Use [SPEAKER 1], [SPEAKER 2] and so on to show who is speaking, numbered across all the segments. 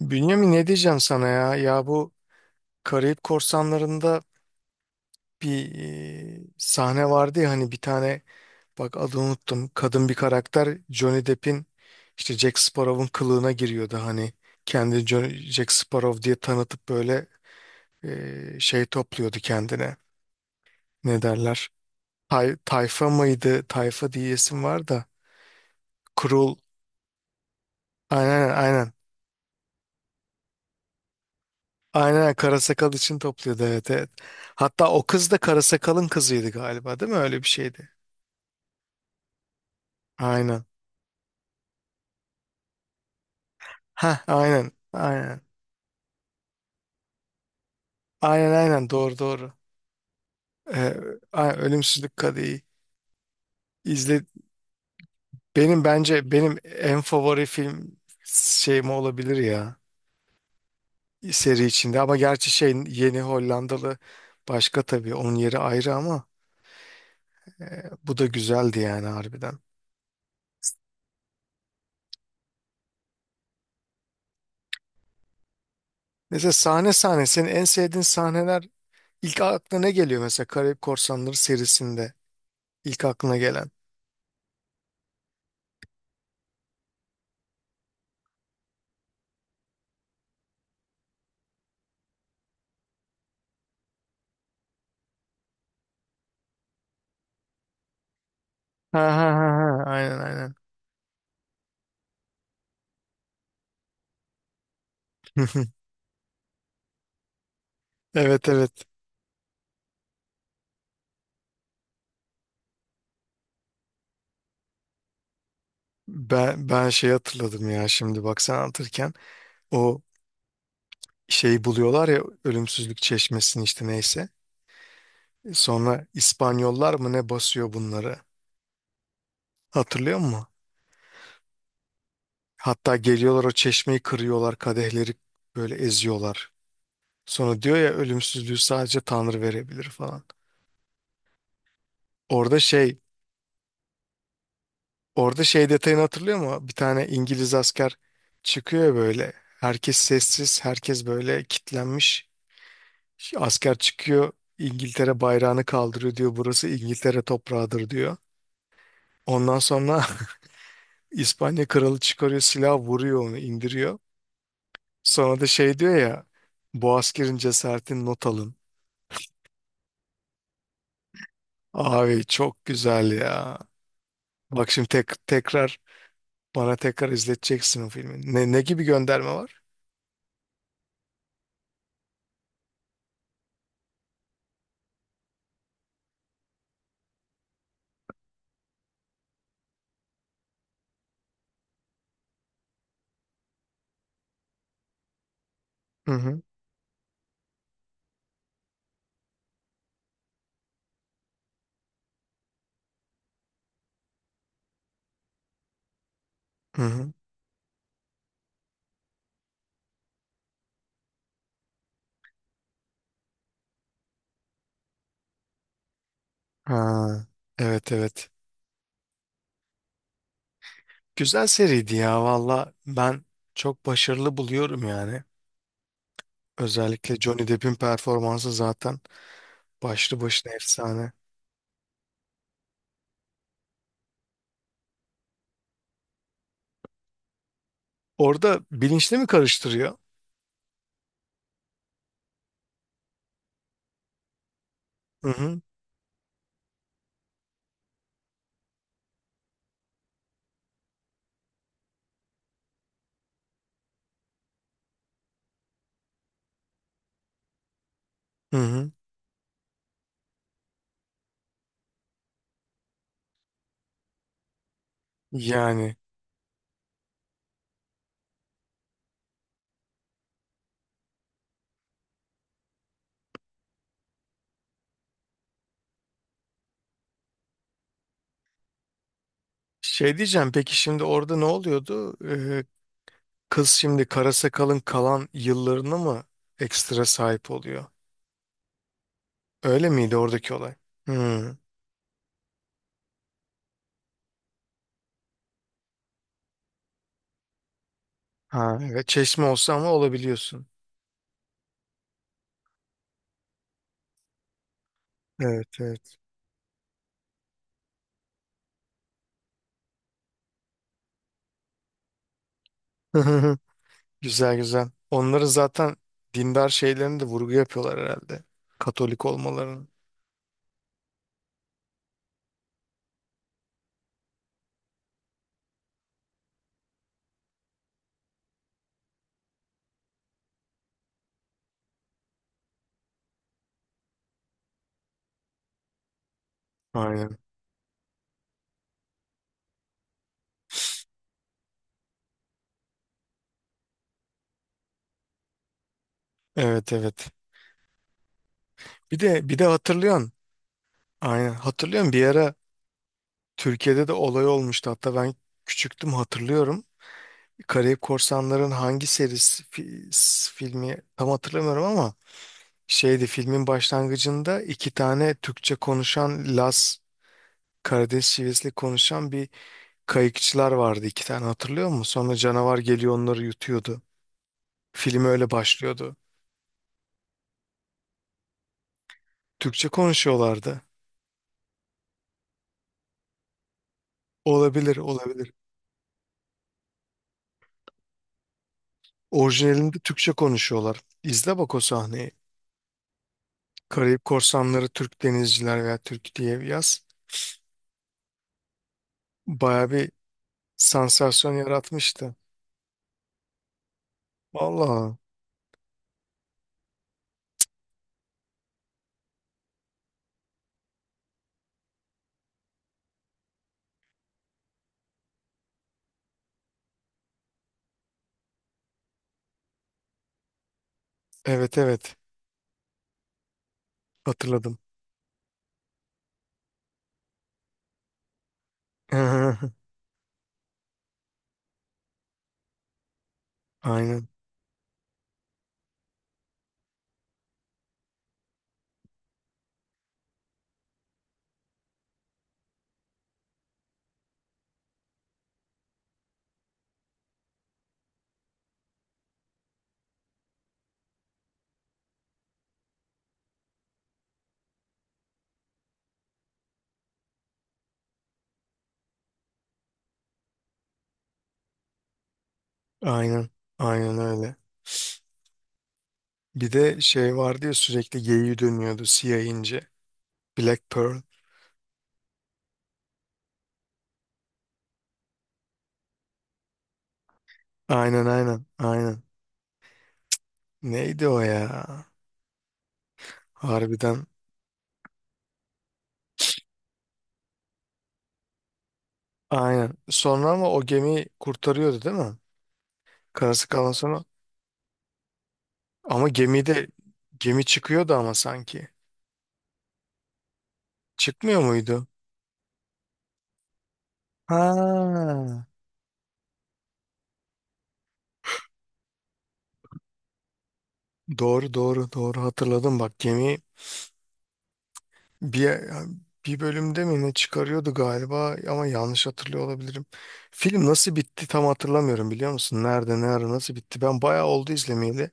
[SPEAKER 1] Bünyamin ne diyeceğim sana ya? Ya bu Karayip Korsanları'nda bir sahne vardı ya hani bir tane bak adını unuttum. Kadın bir karakter Johnny Depp'in işte Jack Sparrow'un kılığına giriyordu hani. Kendi Johnny, Jack Sparrow diye tanıtıp böyle şey topluyordu kendine. Ne derler? Tayfa mıydı? Tayfa diye isim var da. Krul. Aynen, aynen. Aynen, Karasakal için topluyordu, evet, evet. Hatta o kız da Karasakal'ın kızıydı galiba, değil mi? Öyle bir şeydi. Aynen. Ha, aynen. Aynen. Aynen, aynen, doğru, doğru. Ee, Ölümsüzlük Kadehi. İzle, bence benim en favori film şeyim olabilir ya, seri içinde, ama gerçi şey yeni Hollandalı başka tabii, onun yeri ayrı ama e, bu da güzeldi yani, harbiden. Mesela sahne sahne senin en sevdiğin sahneler, ilk aklına ne geliyor mesela Karayip Korsanları serisinde? İlk aklına gelen. Ha ha ha ha. Aynen, aynen. Evet, evet. Ben şey hatırladım ya, şimdi bak sen anlatırken o şeyi buluyorlar ya, ölümsüzlük çeşmesini, işte neyse. Sonra İspanyollar mı ne basıyor bunları? Hatırlıyor musun? Hatta geliyorlar o çeşmeyi kırıyorlar, kadehleri böyle eziyorlar. Sonra diyor ya, ölümsüzlüğü sadece Tanrı verebilir falan. Orada şey, orada şey detayını hatırlıyor mu? Bir tane İngiliz asker çıkıyor böyle. Herkes sessiz, herkes böyle kitlenmiş. Asker çıkıyor, İngiltere bayrağını kaldırıyor, diyor burası İngiltere toprağıdır, diyor. Ondan sonra İspanya kralı çıkarıyor, silah vuruyor onu, indiriyor. Sonra da şey diyor ya, bu askerin cesaretini not alın. Abi çok güzel ya. Bak şimdi, tekrar bana tekrar izleteceksin o filmi. Ne gibi gönderme var? Hı hı. Hı hı. Ha, evet, evet. Güzel seriydi ya, valla ben çok başarılı buluyorum yani. Özellikle Johnny Depp'in performansı zaten başlı başına efsane. Orada bilinçli mi karıştırıyor? Hı hı. Hı hı. Yani şey diyeceğim, peki şimdi orada ne oluyordu? Ee, kız şimdi kara sakalın kalan yıllarını mı ekstra sahip oluyor? Öyle miydi oradaki olay? Hı. Ha, evet, çeşme olsa ama olabiliyorsun. Evet, evet. Güzel, güzel. Onları zaten dindar şeylerini de vurgu yapıyorlar herhalde. Katolik olmalarını. Aynen. Evet, evet. Bir de hatırlıyorsun. Aynen. Hatırlıyorum, bir ara Türkiye'de de olay olmuştu. Hatta ben küçüktüm, hatırlıyorum. Karayip Korsanların hangi serisi filmi tam hatırlamıyorum ama şeydi, filmin başlangıcında iki tane Türkçe konuşan Laz, Karadeniz şivesiyle konuşan bir kayıkçılar vardı iki tane, hatırlıyor musun? Sonra canavar geliyor onları yutuyordu. Film öyle başlıyordu. Türkçe konuşuyorlardı. Olabilir, olabilir. Orijinalinde Türkçe konuşuyorlar. İzle bak o sahneyi. Karayip Korsanları Türk Denizciler veya Türk diye bir yaz. Baya bir sansasyon yaratmıştı. Vallahi evet, evet, hatırladım. Aynen, aynen, aynen, öyle. Bir de şey vardı ya, sürekli geyiği dönüyordu, siyah ince. Black Pearl. Aynen, aynen, aynen. Neydi o ya? Harbiden aynen. Sonra ama o gemi kurtarıyordu değil mi? Karası kalan sonra. Ama gemide gemi çıkıyordu ama sanki. Çıkmıyor muydu? Ha. Doğru, doğru, doğru, hatırladım bak, gemi bir bir bölümde mi ne çıkarıyordu galiba, ama yanlış hatırlıyor olabilirim. Film nasıl bitti tam hatırlamıyorum, biliyor musun? Nerede, ne ara, nasıl bitti? Ben bayağı oldu izlemeyeli.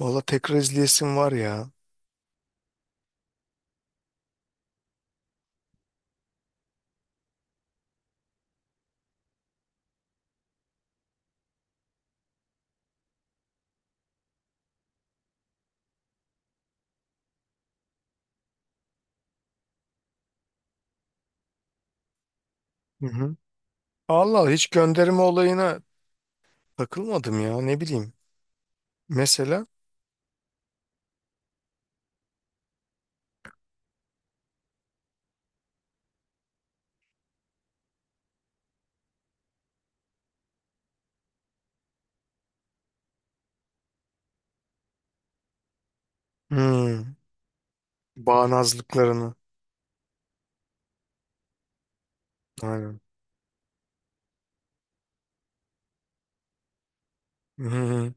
[SPEAKER 1] Valla tekrar izleyesim var ya. Hı hı. Allah, hiç gönderme olayına takılmadım ya, ne bileyim. Mesela, hmm, bağnazlıklarını. Aynen. Hı hı.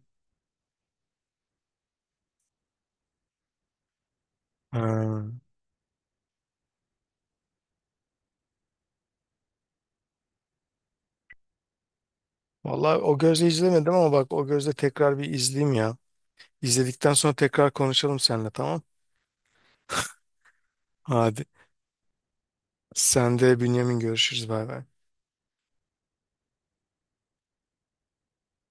[SPEAKER 1] Ha. Vallahi o gözle izlemedim, ama bak o gözle tekrar bir izleyeyim ya. İzledikten sonra tekrar konuşalım seninle, tamam. Hadi. Sen de Bünyamin, görüşürüz, bay bay.